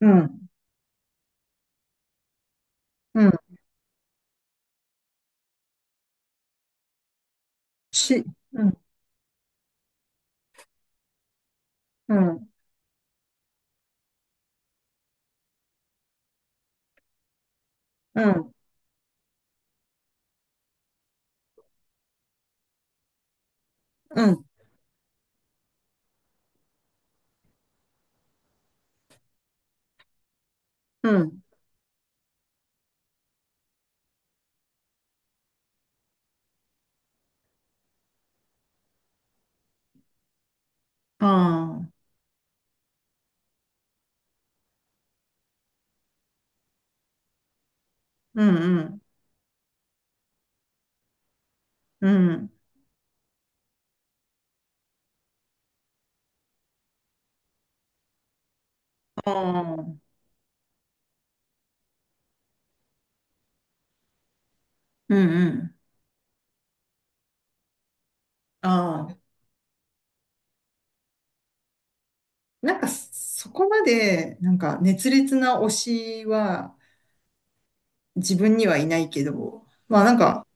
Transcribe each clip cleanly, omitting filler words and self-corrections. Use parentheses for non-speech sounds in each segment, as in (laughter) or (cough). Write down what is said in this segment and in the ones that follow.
うん、うん、し、うん、うん、うん、うん、うん、ああ、うん、うん、うん、ああ、うん、うん、ああ、なんかそこまで、なんか熱烈な推しは自分にはいないけど、まあなんか、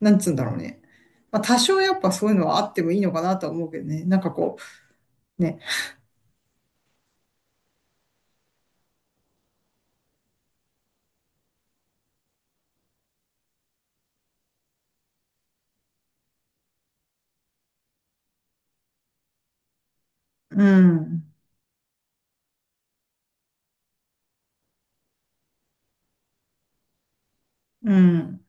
なんつうんだろうね。まあ多少やっぱそういうのはあってもいいのかなとは思うけどね。なんかこう、ね。うん、うん、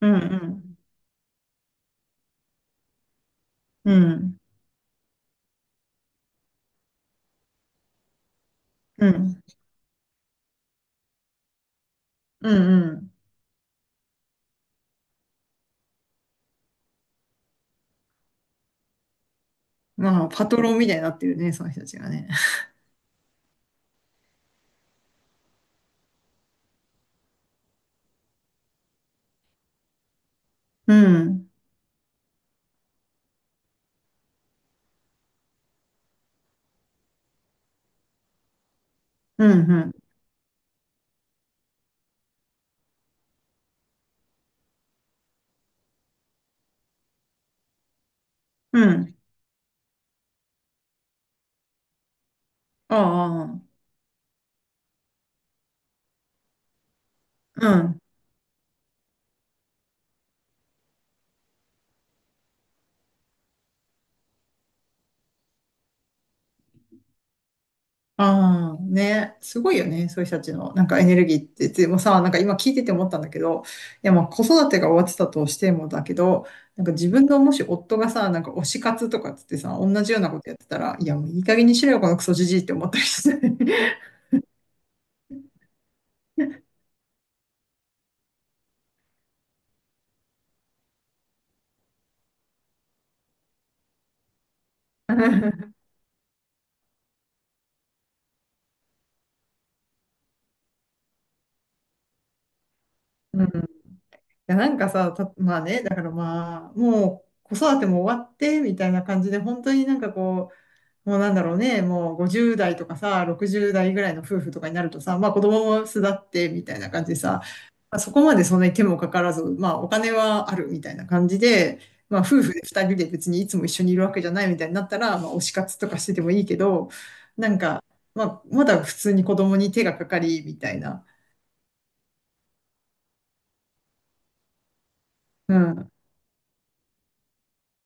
うん、うん、うん、うん、うん、うん。まあパトロンみたいになってるね、その人たちがね。うん、うん、うん、うん。ああ、うん。ああ、ね。すごいよね、そういう人たちの、なんかエネルギーって。でもさ、なんか今聞いてて思ったんだけど、いや、まあ子育てが終わってたとしてもだけど、なんか自分のもし夫がさ、なんか推し活とかっつってさ、同じようなことやってたら、いや、もういい加減にしろよ、このクソじじいって思ったりして。うん。いや、なんかさ、まあね、だからまあ、もう子育ても終わって、みたいな感じで、本当になんかこう、もうなんだろうね、もう50代とかさ、60代ぐらいの夫婦とかになるとさ、まあ子供も巣立ってみたいな感じでさ、まあ、そこまでそんなに手もかからず、まあお金はあるみたいな感じで、まあ夫婦で2人で別にいつも一緒にいるわけじゃないみたいになったら、まあ推し活とかしててもいいけど、なんか、まあまだ普通に子供に手がかかりみたいな。うん。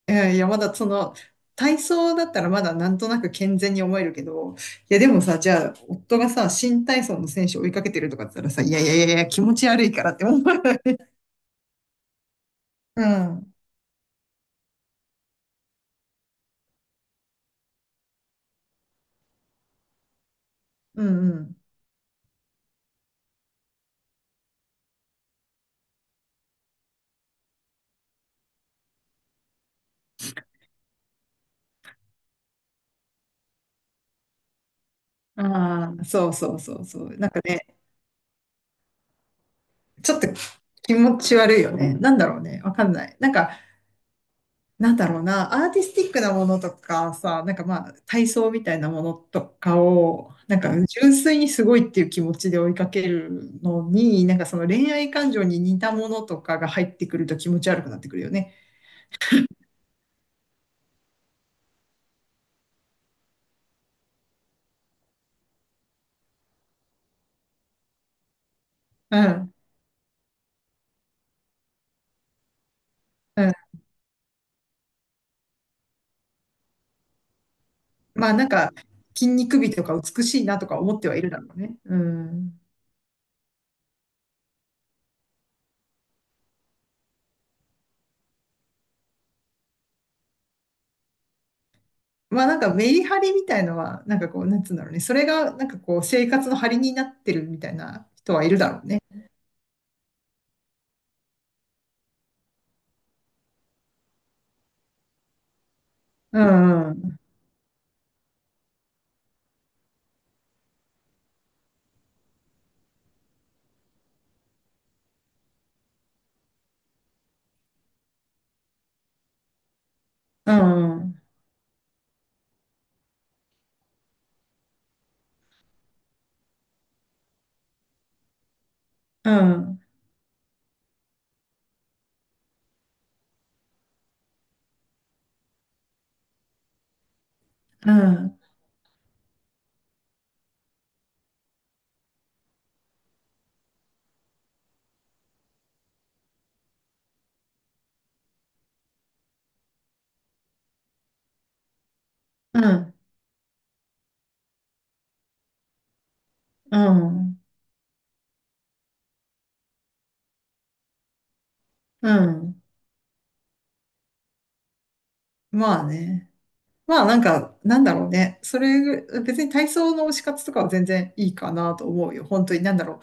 いやいや、まだその、体操だったらまだなんとなく健全に思えるけど、いやでもさ、じゃあ、夫がさ、新体操の選手を追いかけてるとかって言ったらさ、いやいやいやいや、気持ち悪いからって思う。(laughs) うんうんうん。ああ、そうそうそうそう。なんかね、ちょっと気持ち悪いよね。なんだろうね、わかんない。なんか、なんだろうな、アーティスティックなものとかさ、なんかまあ、体操みたいなものとかを、なんか純粋にすごいっていう気持ちで追いかけるのに、なんかその恋愛感情に似たものとかが入ってくると気持ち悪くなってくるよね。うん。うん。まあなんか、筋肉美とか美しいなとか思ってはいるだろうね。うん。まあなんかメリハリみたいのは、なんかこう、なんつうんだろうね。それがなんかこう、生活の張りになってるみたいな人はいるだろうね。うん。うん。うん。うん。うん。うん、うん、うん。まあね。まあなんか、なんだろうね。それぐ、別に体操の推し活とかは全然いいかなと思うよ。本当に、なんだろ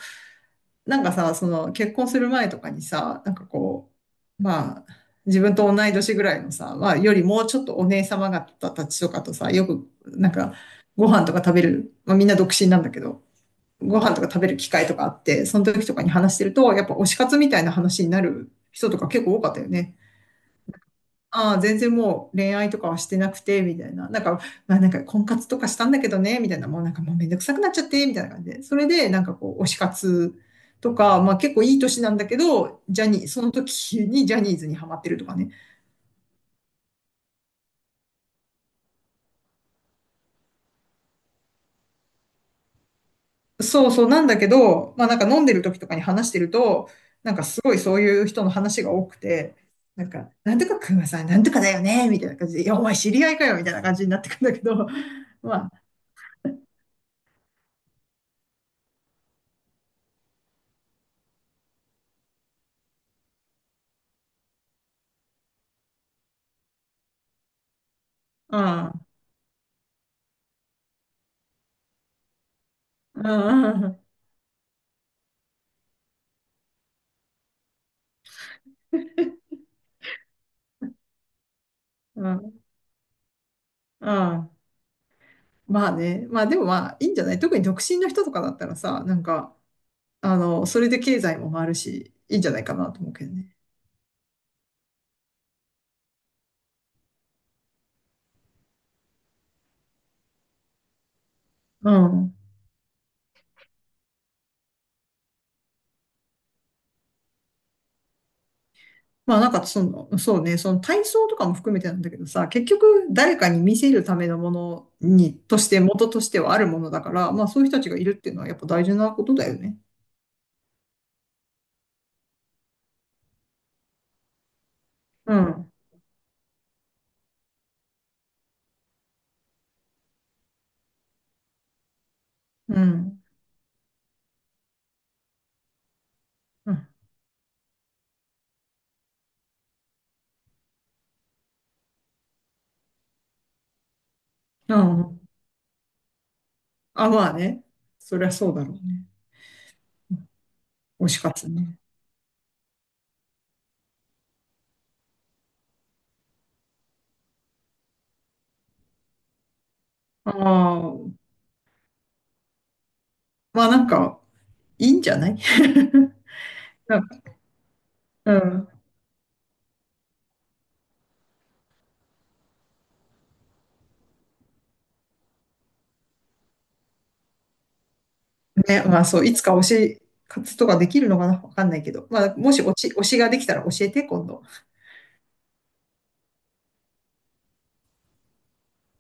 う。なんかさ、その結婚する前とかにさ、なんかこう、まあ、自分と同い年ぐらいのさ、まあ、よりもうちょっとお姉様方たちとかとさ、よく、なんか、ご飯とか食べる、まあみんな独身なんだけど、ご飯とか食べる機会とかあって、その時とかに話してると、やっぱ推し活みたいな話になる人とか結構多かったよね。ああ、全然もう恋愛とかはしてなくて、みたいな。なんか、まあなんか婚活とかしたんだけどね、みたいな。もうなんかもうめんどくさくなっちゃって、みたいな感じで。それで、なんかこう、推し活とか、まあ結構いい年なんだけど、ジャニー、その時にジャニーズにハマってるとかね。そうそうなんだけど、まあなんか飲んでる時とかに話してると、なんかすごいそういう人の話が多くて、なんか、なんとかくんはさ、なんとかだよね、みたいな感じで、いや、お前知り合いかよ、みたいな感じになってくんだけど、(laughs) まあ、うん、うん、うん、うん、うん。まあね。まあでもまあいいんじゃない、特に独身の人とかだったらさ、なんか、あの、それで経済も回るし、いいんじゃないかなと思うけどね。うん。まあなんかその、そうね、その体操とかも含めてなんだけどさ、結局誰かに見せるためのものに、として、元としてはあるものだから、まあそういう人たちがいるっていうのはやっぱ大事なことだよね。うん。うん。うん。うん。あ、まあね。そりゃそうだろうね。推し活ね。ああ、まあなんか、いいんじゃない。 (laughs) なんか、うん。ね、まあそう、いつか推し活とかできるのかなわかんないけど。まあ、もし推し、推しができたら教えて、今度。